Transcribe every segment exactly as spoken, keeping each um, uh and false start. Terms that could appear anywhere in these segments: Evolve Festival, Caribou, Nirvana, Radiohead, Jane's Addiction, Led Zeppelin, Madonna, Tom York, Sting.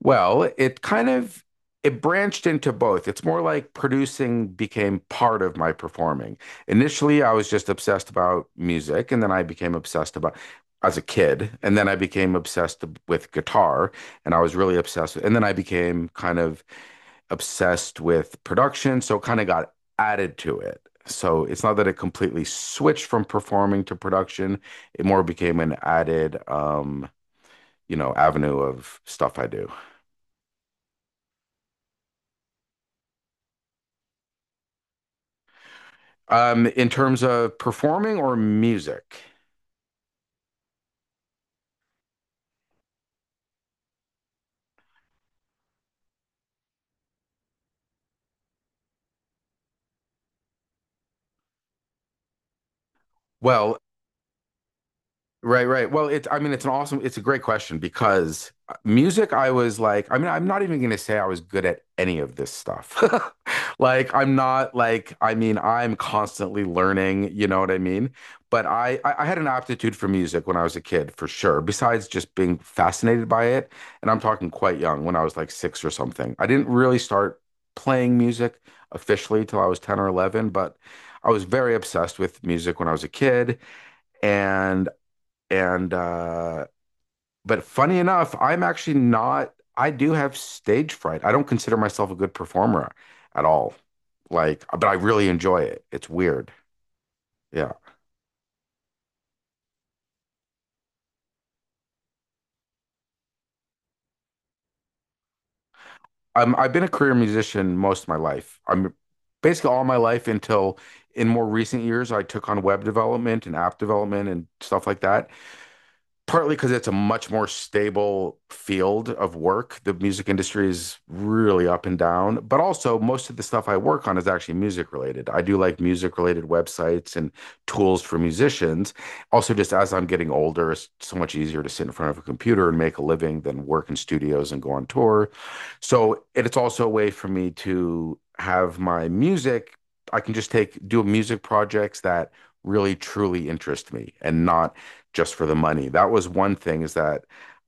Well, it kind of it branched into both. It's more like producing became part of my performing. Initially, I was just obsessed about music, and then I became obsessed about as a kid, and then I became obsessed with guitar, and I was really obsessed with, and then I became kind of obsessed with production, so it kind of got added to it. So it's not that it completely switched from performing to production. It more became an added, um, you know, avenue of stuff I do. Um, in terms of performing or music? Well, right, right. Well, it's, I mean, it's an awesome, it's a great question because uh, music, I was like, I mean, I'm not even going to say I was good at any of this stuff. Like, I'm not like, I mean, I'm constantly learning, you know what I mean? But I, I I had an aptitude for music when I was a kid, for sure, besides just being fascinated by it. And I'm talking quite young, when I was like six or something. I didn't really start playing music officially till I was ten or eleven, but I was very obsessed with music when I was a kid. And and uh, but funny enough, I'm actually not. I do have stage fright. I don't consider myself a good performer at all. Like, but I really enjoy it. It's weird. Yeah. I'm, I've been a career musician most of my life. I'm basically all my life until in more recent years, I took on web development and app development and stuff like that. Partly because it's a much more stable field of work. The music industry is really up and down, but also most of the stuff I work on is actually music related. I do like music related websites and tools for musicians. Also, just as I'm getting older, it's so much easier to sit in front of a computer and make a living than work in studios and go on tour. So it's also a way for me to have my music. I can just take do music projects that really truly interest me and not just for the money. That was one thing is that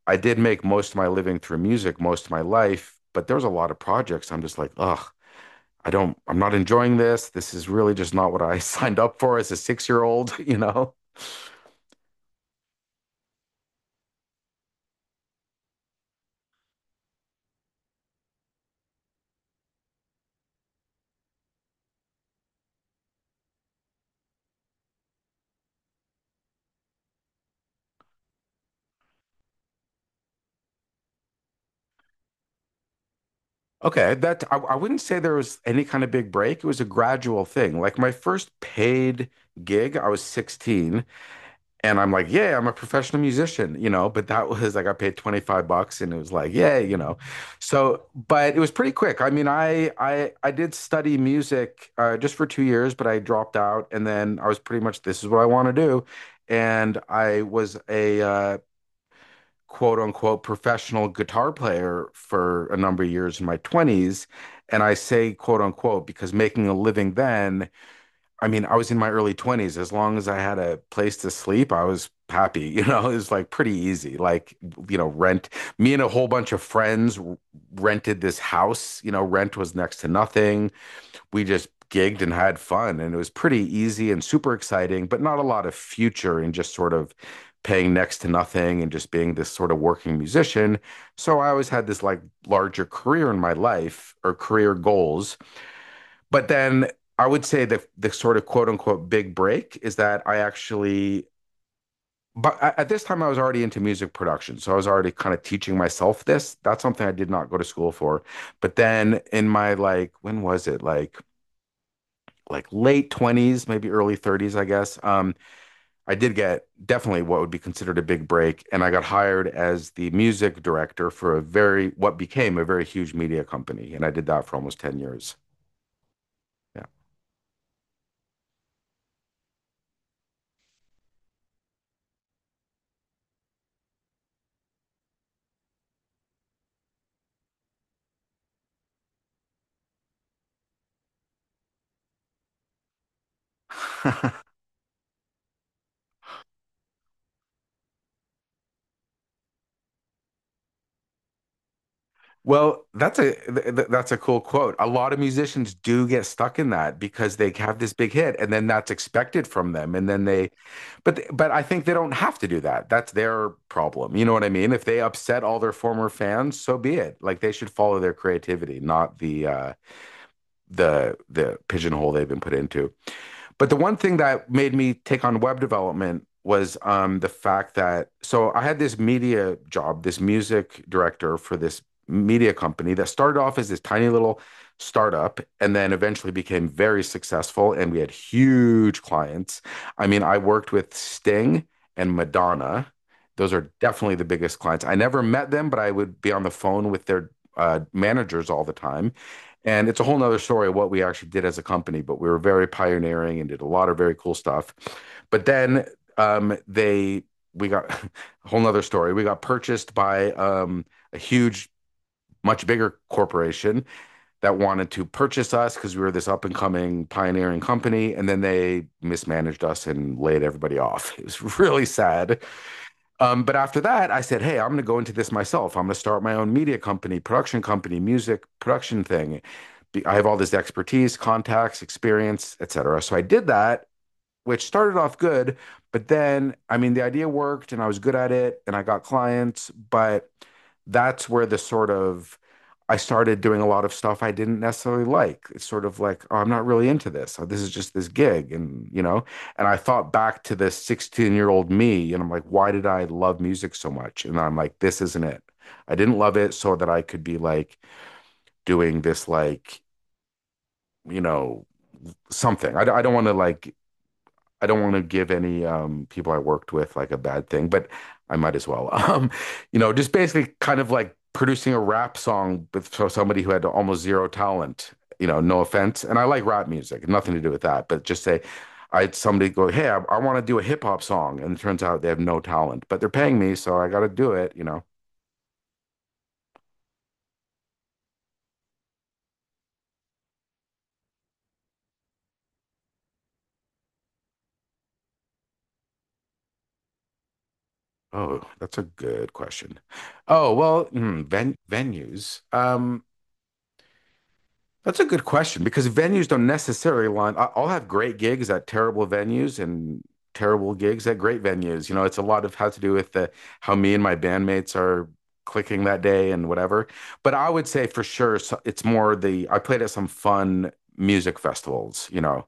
I did make most of my living through music most of my life, but there was a lot of projects I'm just like, ugh, I don't, I'm not enjoying this. This is really just not what I signed up for as a six year old, you know? Okay, that I, I wouldn't say there was any kind of big break. It was a gradual thing. Like my first paid gig, I was sixteen. And I'm like, yeah, I'm a professional musician, you know, but that was like I got paid twenty-five bucks and it was like, yeah, you know. So, but it was pretty quick. I mean, I I I did study music uh, just for two years, but I dropped out and then I was pretty much this is what I want to do. And I was a uh, quote unquote professional guitar player for a number of years in my twenties. And I say quote unquote because making a living then, I mean, I was in my early twenties. As long as I had a place to sleep, I was happy. You know, it was like pretty easy. Like, you know, rent. Me and a whole bunch of friends r- rented this house. You know, rent was next to nothing. We just gigged and had fun. And it was pretty easy and super exciting, but not a lot of future in just sort of paying next to nothing and just being this sort of working musician. So I always had this like larger career in my life or career goals, but then I would say the the sort of quote unquote big break is that I actually, but at this time I was already into music production. So I was already kind of teaching myself this. That's something I did not go to school for. But then in my like when was it? Like like late twenties, maybe early thirties, I guess. Um I did get definitely what would be considered a big break and I got hired as the music director for a very what became a very huge media company and I did that for almost ten years. Yeah. Well, that's a th th- that's a cool quote. A lot of musicians do get stuck in that because they have this big hit and then that's expected from them and then they but th- but I think they don't have to do that. That's their problem. You know what I mean? If they upset all their former fans, so be it. Like they should follow their creativity, not the uh the the pigeonhole they've been put into. But the one thing that made me take on web development was um, the fact that so I had this media job, this music director for this media company that started off as this tiny little startup and then eventually became very successful and we had huge clients. I mean, I worked with Sting and Madonna. Those are definitely the biggest clients. I never met them, but I would be on the phone with their uh, managers all the time. And it's a whole nother story of what we actually did as a company, but we were very pioneering and did a lot of very cool stuff. But then um, they we got a whole nother story. We got purchased by um, a huge, much bigger corporation that wanted to purchase us because we were this up and coming pioneering company. And then they mismanaged us and laid everybody off. It was really sad. Um, but after that, I said, hey, I'm going to go into this myself. I'm going to start my own media company, production company, music production thing. I have all this expertise, contacts, experience, et cetera. So I did that, which started off good, but then, I mean, the idea worked and I was good at it and I got clients, but that's where the sort of I started doing a lot of stuff I didn't necessarily like. It's sort of like, oh, I'm not really into this. Oh, this is just this gig. And, you know, and I thought back to this sixteen year old me and I'm like, why did I love music so much? And I'm like, this isn't it. I didn't love it so that I could be like doing this, like, you know, something. I I d- I don't want to like I don't want to give any um, people I worked with like a bad thing, but I might as well. Um, you know, just basically kind of like producing a rap song with for somebody who had almost zero talent. You know, no offense, and I like rap music, nothing to do with that, but just say. I had somebody go, hey, I, I want to do a hip hop song, and it turns out they have no talent, but they're paying me, so I got to do it. You know, oh, that's a good question. Oh well, hmm, ven- venues. Um, That's a good question because venues don't necessarily line. I- I'll have great gigs at terrible venues and terrible gigs at great venues. You know, it's a lot of how to do with the how me and my bandmates are clicking that day and whatever. But I would say for sure so- it's more the I played at some fun music festivals, you know,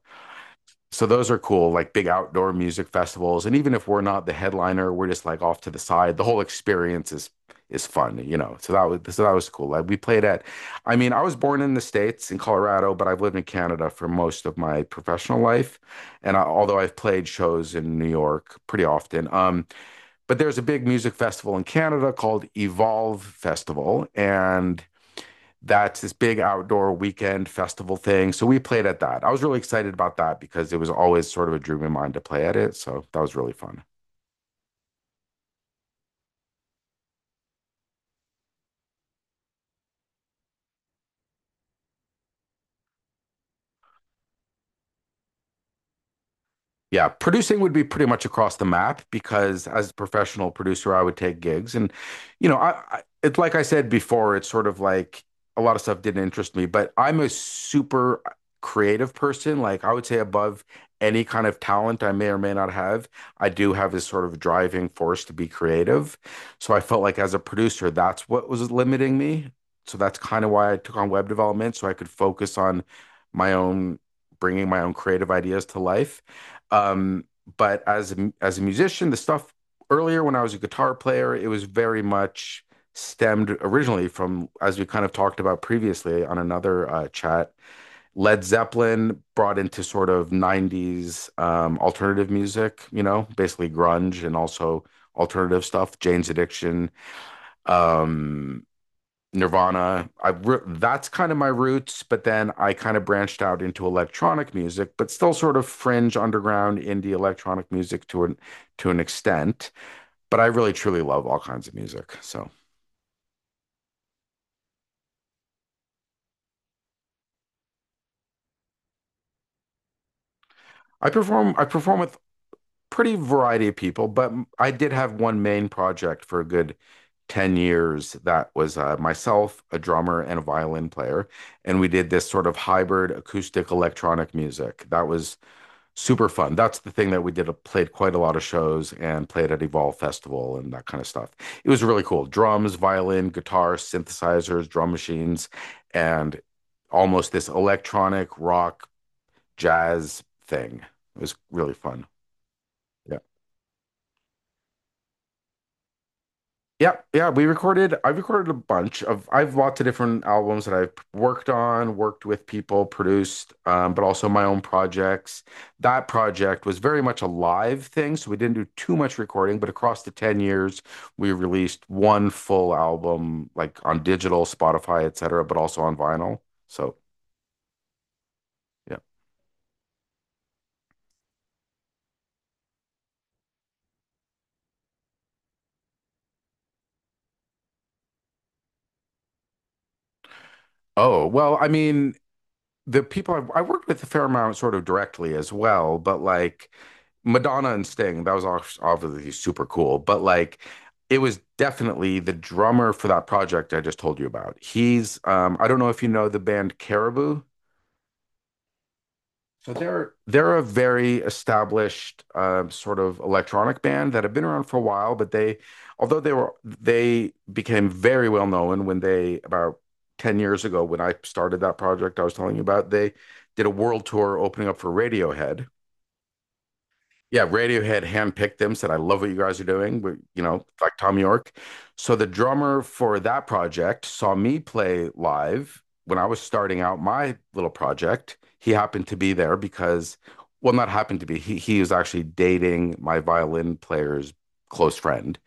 so those are cool, like big outdoor music festivals. And even if we're not the headliner, we're just like off to the side. The whole experience is is fun, you know. So that was so that was cool. Like we played at, I mean, I was born in the States in Colorado, but I've lived in Canada for most of my professional life. And I, although I've played shows in New York pretty often, um, but there's a big music festival in Canada called Evolve Festival, and that's this big outdoor weekend festival thing. So we played at that. I was really excited about that because it was always sort of a dream of mine to play at it. So that was really fun. Yeah, producing would be pretty much across the map because as a professional producer, I would take gigs. And, you know, I, I it's like I said before, it's sort of like a lot of stuff didn't interest me, but I'm a super creative person. Like I would say above any kind of talent I may or may not have, I do have this sort of driving force to be creative. So I felt like as a producer, that's what was limiting me. So that's kind of why I took on web development so I could focus on my own, bringing my own creative ideas to life. Um, but as a, as a musician, the stuff earlier when I was a guitar player, it was very much stemmed originally from, as we kind of talked about previously on another uh, chat, Led Zeppelin brought into sort of nineties um, alternative music, you know, basically grunge and also alternative stuff, Jane's Addiction, um, Nirvana. I re- that's kind of my roots, but then I kind of branched out into electronic music, but still sort of fringe underground indie electronic music to an to an extent. But I really truly love all kinds of music. So I perform I perform with pretty variety of people, but I did have one main project for a good ten years that was uh, myself, a drummer, and a violin player. And we did this sort of hybrid acoustic electronic music. That was super fun. That's the thing that we did. uh, Played quite a lot of shows and played at Evolve Festival and that kind of stuff. It was really cool. Drums, violin, guitar, synthesizers, drum machines, and almost this electronic rock jazz thing. It was really fun. Yeah. Yeah, yeah, we recorded. I've recorded a bunch of. I've lots of different albums that I've worked on, worked with people, produced, um, but also my own projects. That project was very much a live thing, so we didn't do too much recording. But across the ten years, we released one full album, like on digital, Spotify, et cetera, but also on vinyl. So yeah. Oh well, I mean, the people I've, I worked with a fair amount sort of directly as well, but like Madonna and Sting, that was obviously super cool. But like, it was definitely the drummer for that project I just told you about. He's, um, I don't know if you know the band Caribou. So they're they're a very established um, sort of electronic band that have been around for a while, but they, although they were they became very well known when they about ten years ago when I started that project I was telling you about, they did a world tour opening up for Radiohead, yeah, Radiohead handpicked them, said, I love what you guys are doing. We, you know, like Tom York. So the drummer for that project saw me play live when I was starting out my little project. He happened to be there because, well, not happened to be, he, he was actually dating my violin player's close friend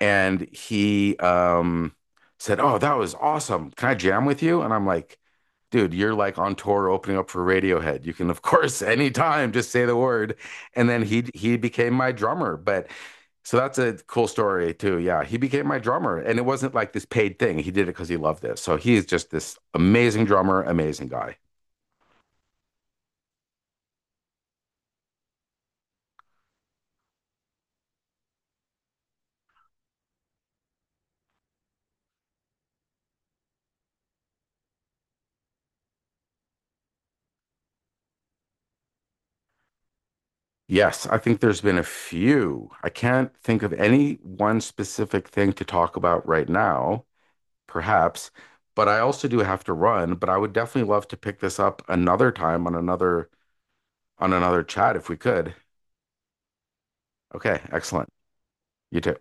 and he um said, "Oh, that was awesome. Can I jam with you?" And I'm like, "Dude, you're like on tour opening up for Radiohead. You can of course anytime just say the word." And then he he became my drummer, but so that's a cool story too. Yeah, he became my drummer and it wasn't like this paid thing. He did it because he loved it. So he is just this amazing drummer, amazing guy. Yes, I think there's been a few. I can't think of any one specific thing to talk about right now. Perhaps. But I also do have to run, but I would definitely love to pick this up another time on another on another chat if we could. Okay, excellent. You too.